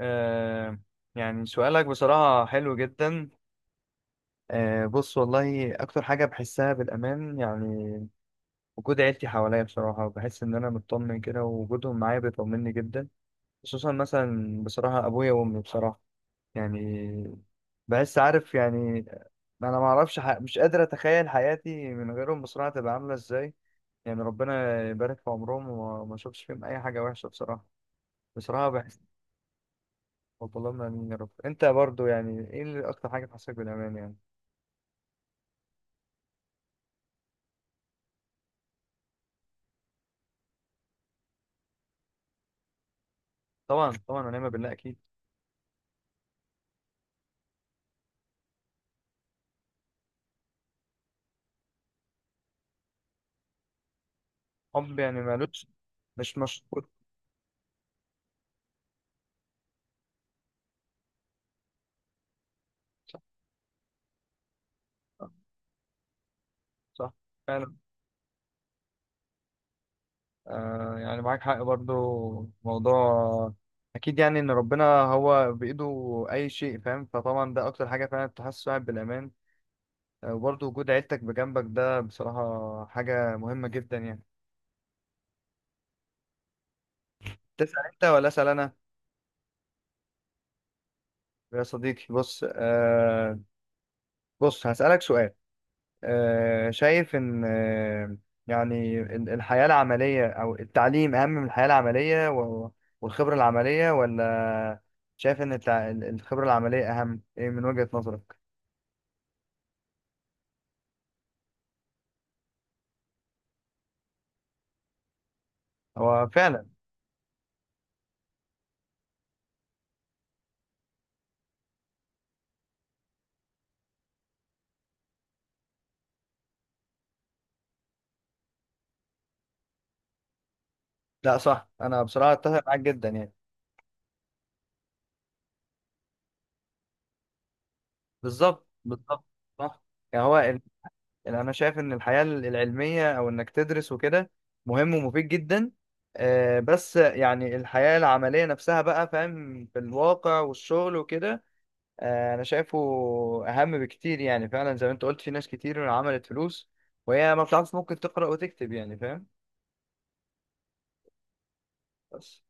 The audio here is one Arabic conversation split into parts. آه يعني سؤالك بصراحة حلو جدا. بص، والله أكتر حاجة بحسها بالأمان يعني وجود عيلتي حواليا بصراحة، وبحس إن أنا مطمن كده ووجودهم معايا بيطمني جدا. خصوصا مثلا بصراحة أبويا وأمي بصراحة. يعني بحس، عارف يعني. أنا معرفش مش قادر أتخيل حياتي من غيرهم بصراحة، تبقى عاملة إزاي. يعني ربنا يبارك في عمرهم وما أشوفش فيهم أي حاجة وحشة بصراحة. بصراحة بحس. اللهم امين يا رب. انت برضو، يعني ايه اللي اكتر حاجه بتحسسك بالامان يعني؟ طبعا طبعا، ونعم بالله، اكيد. حب يعني مالوش، مش مشروط. صح. صح. فعلا. يعني معاك حق برضو. موضوع، اكيد يعني ان ربنا هو بايده اي شيء فاهم، فطبعا ده اكتر حاجه فعلا بتحسس واحد بالامان. وبرضو وجود عيلتك بجنبك ده بصراحه حاجه مهمه جدا يعني. تسال انت ولا اسال انا؟ يا صديقي، بص، بص هسالك سؤال. شايف إن يعني الحياة العملية أو التعليم أهم من الحياة العملية والخبرة العملية، ولا شايف إن الخبرة العملية أهم، إيه، من وجهة نظرك؟ هو فعلا. لا صح، أنا بصراحة أتفق معاك جدا يعني. بالظبط، بالظبط. صح. يعني هو أنا شايف إن الحياة العلمية أو إنك تدرس وكده مهم ومفيد جدا. بس يعني الحياة العملية نفسها بقى فاهم، في الواقع والشغل وكده. انا شايفه اهم بكتير، يعني فعلا زي ما انت قلت في ناس كتير عملت فلوس وهي ما بتعرفش ممكن تقرأ وتكتب، يعني فاهم. بس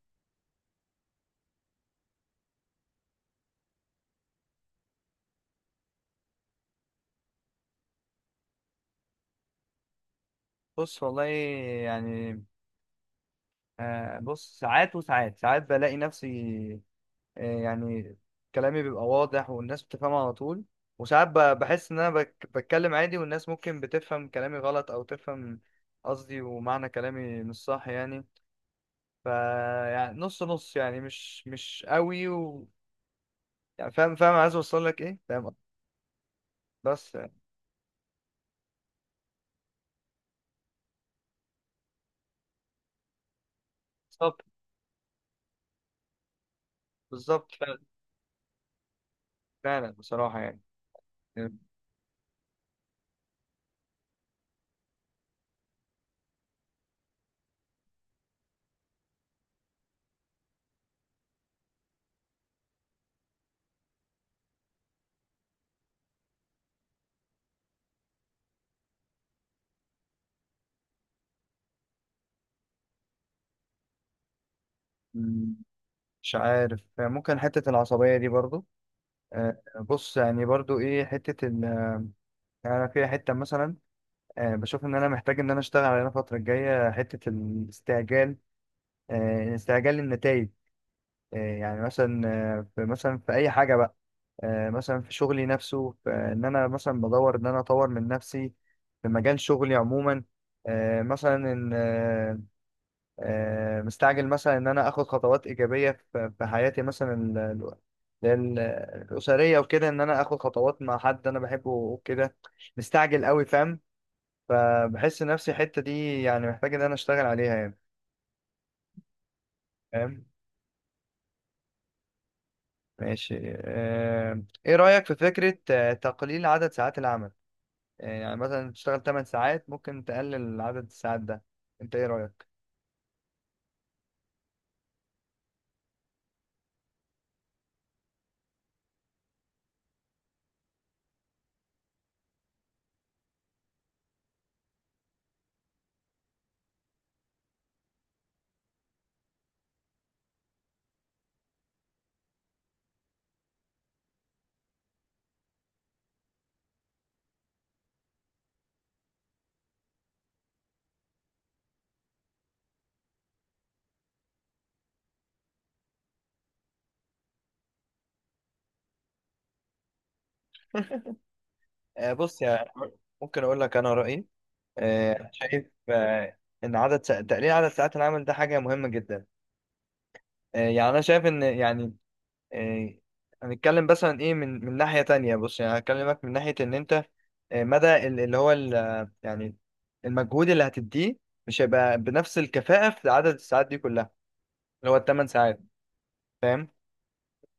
بص والله يعني. بص ساعات وساعات بلاقي نفسي. يعني كلامي بيبقى واضح والناس بتفهمه على طول. وساعات بحس ان انا بتكلم عادي، والناس ممكن بتفهم كلامي غلط او تفهم قصدي ومعنى كلامي مش صح يعني. ف يعني نص نص، يعني مش قوي يعني فاهم فاهم، عايز اوصل لك ايه، فاهم. بس يعني. بالظبط، بالظبط. فعلا. فعلا بصراحة يعني. م- مش عارف، ممكن حتة العصبية دي برضو. آه، بص يعني برضو ايه حتة يعني أنا في حتة مثلا. بشوف ان انا محتاج ان انا اشتغل عليها الفترة الجاية، حتة الاستعجال. استعجال النتائج، يعني مثلا. في مثلا في اي حاجة بقى. مثلا في شغلي نفسه في ان انا مثلا بدور ان انا اطور من نفسي في مجال شغلي عموما. مثلا ان مستعجل مثلا ان انا اخد خطوات ايجابيه في حياتي، مثلا ال- الاسريه وكده، ان انا اخد خطوات مع حد انا بحبه وكده. مستعجل قوي، فاهم. فبحس نفسي الحته دي يعني محتاج ان انا اشتغل عليها يعني. فاهم. ماشي. ايه رايك في فكره تقليل عدد ساعات العمل؟ يعني مثلا تشتغل 8 ساعات، ممكن تقلل عدد الساعات ده. انت ايه رايك؟ بص يعني ممكن اقول لك انا رايي. أنا شايف إن تقليل عدد ساعات العمل ده حاجة مهمة جدا. يعني أنا شايف إن يعني آه، هنتكلم مثلا إيه من ناحية تانية. بص يعني هكلمك من ناحية إن أنت مدى اللي هو يعني المجهود اللي هتديه مش هيبقى بنفس الكفاءة في عدد الساعات دي كلها، اللي هو الثمان ساعات، فاهم.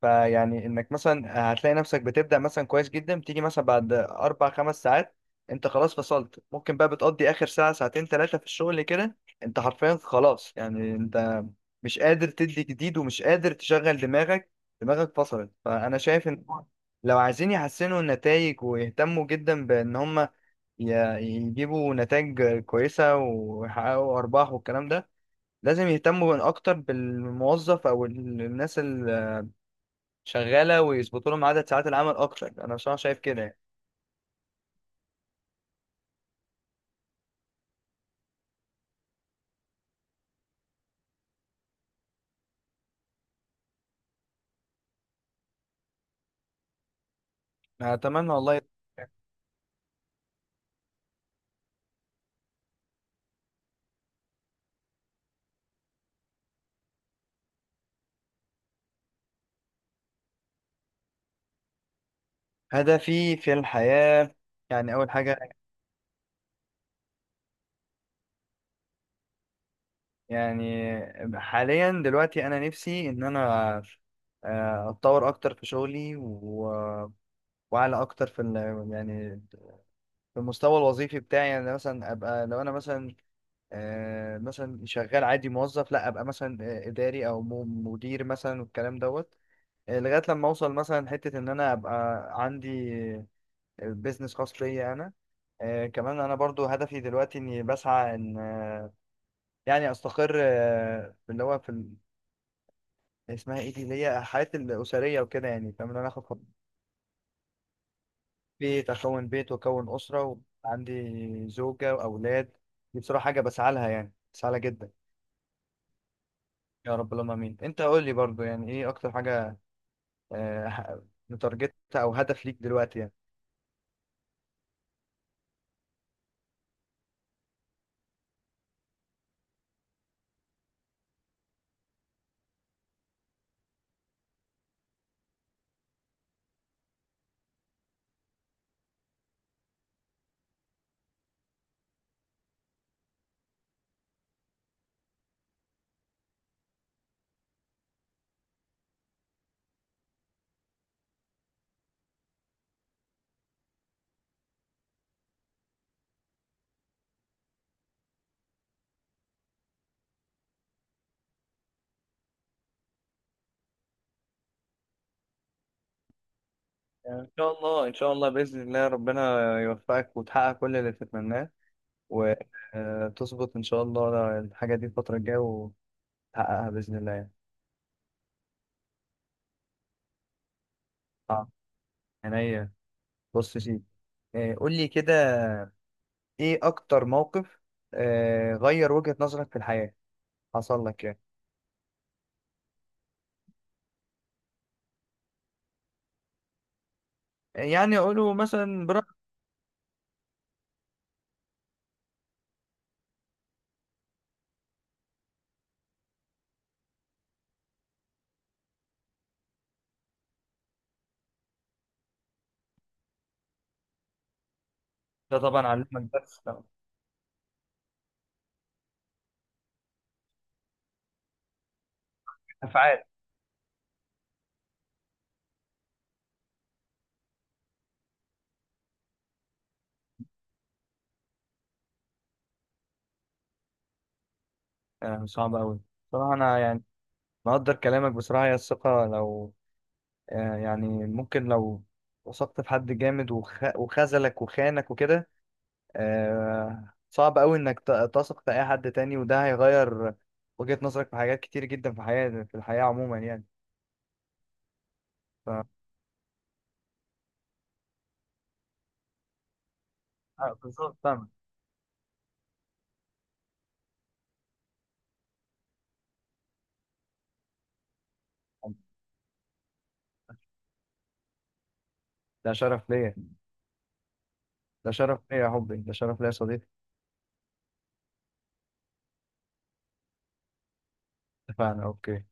فيعني انك مثلا هتلاقي نفسك بتبدأ مثلا كويس جدا، تيجي مثلا بعد 4 5 ساعات انت خلاص فصلت. ممكن بقى بتقضي اخر ساعة ساعتين ثلاثة في الشغل كده، انت حرفيا خلاص، يعني انت مش قادر تدي جديد ومش قادر تشغل دماغك، دماغك فصلت. فانا شايف ان لو عايزين يحسنوا النتائج ويهتموا جدا بان هم يجيبوا نتائج كويسة ويحققوا ارباح والكلام ده، لازم يهتموا اكتر بالموظف او الناس شغاله، ويظبطوا لهم عدد ساعات العمل اكتر. انا بصراحه شايف كده يعني. أنا اتمنى والله. هدفي في الحياه، يعني اول حاجه، يعني حاليا دلوقتي انا نفسي ان انا اتطور اكتر في شغلي واعلى اكتر في يعني في المستوى الوظيفي بتاعي، يعني مثلا ابقى لو انا مثلا مثلا شغال عادي موظف، لا، ابقى مثلا اداري او مدير مثلا والكلام دوت. لغايه لما اوصل مثلا حته ان انا ابقى عندي بيزنس خاص ليا انا. كمان انا برضو هدفي دلوقتي اني بسعى ان يعني استقر في اللي هو في اسمها ايه دي، اللي هي حياتي الاسريه وكده، يعني فاهم إن انا اخد بيت، اكون بيت واكون اسره وعندي زوجه واولاد. دي بصراحه حاجه بسعى لها يعني، بسعى لها جدا. يا رب اللهم امين. انت قول لي برضو يعني ايه اكتر حاجه آه ح- متارجتها او هدف ليك دلوقتي يعني؟ يعني ان شاء الله، ان شاء الله باذن الله ربنا يوفقك وتحقق كل اللي تتمناه، وتظبط إن شاء الله الحاجة دي الفترة الجاية وتحققها بإذن الله يعني. آه، عينيا. بص يا سيدي، قول لي كده، إيه أكتر موقف غير وجهة نظرك في الحياة حصل لك يعني؟ يعني أقوله مثلا برأيك؟ ده طبعا علمك، بس طبعاً. أفعال. صعب أوي بصراحة. أنا يعني مقدر كلامك بصراحة. هي الثقة لو يعني ممكن لو وثقت في حد جامد وخذلك وخانك وكده، صعب قوي انك تثق في اي حد تاني، وده هيغير وجهة نظرك في حاجات كتير جدا في حياتي، في الحياة عموما يعني. ف بالظبط، فاهمك. ده شرف ليا. ده شرف ليا يا حبي. ده شرف ليا يا صديقي. اتفقنا. اوكي.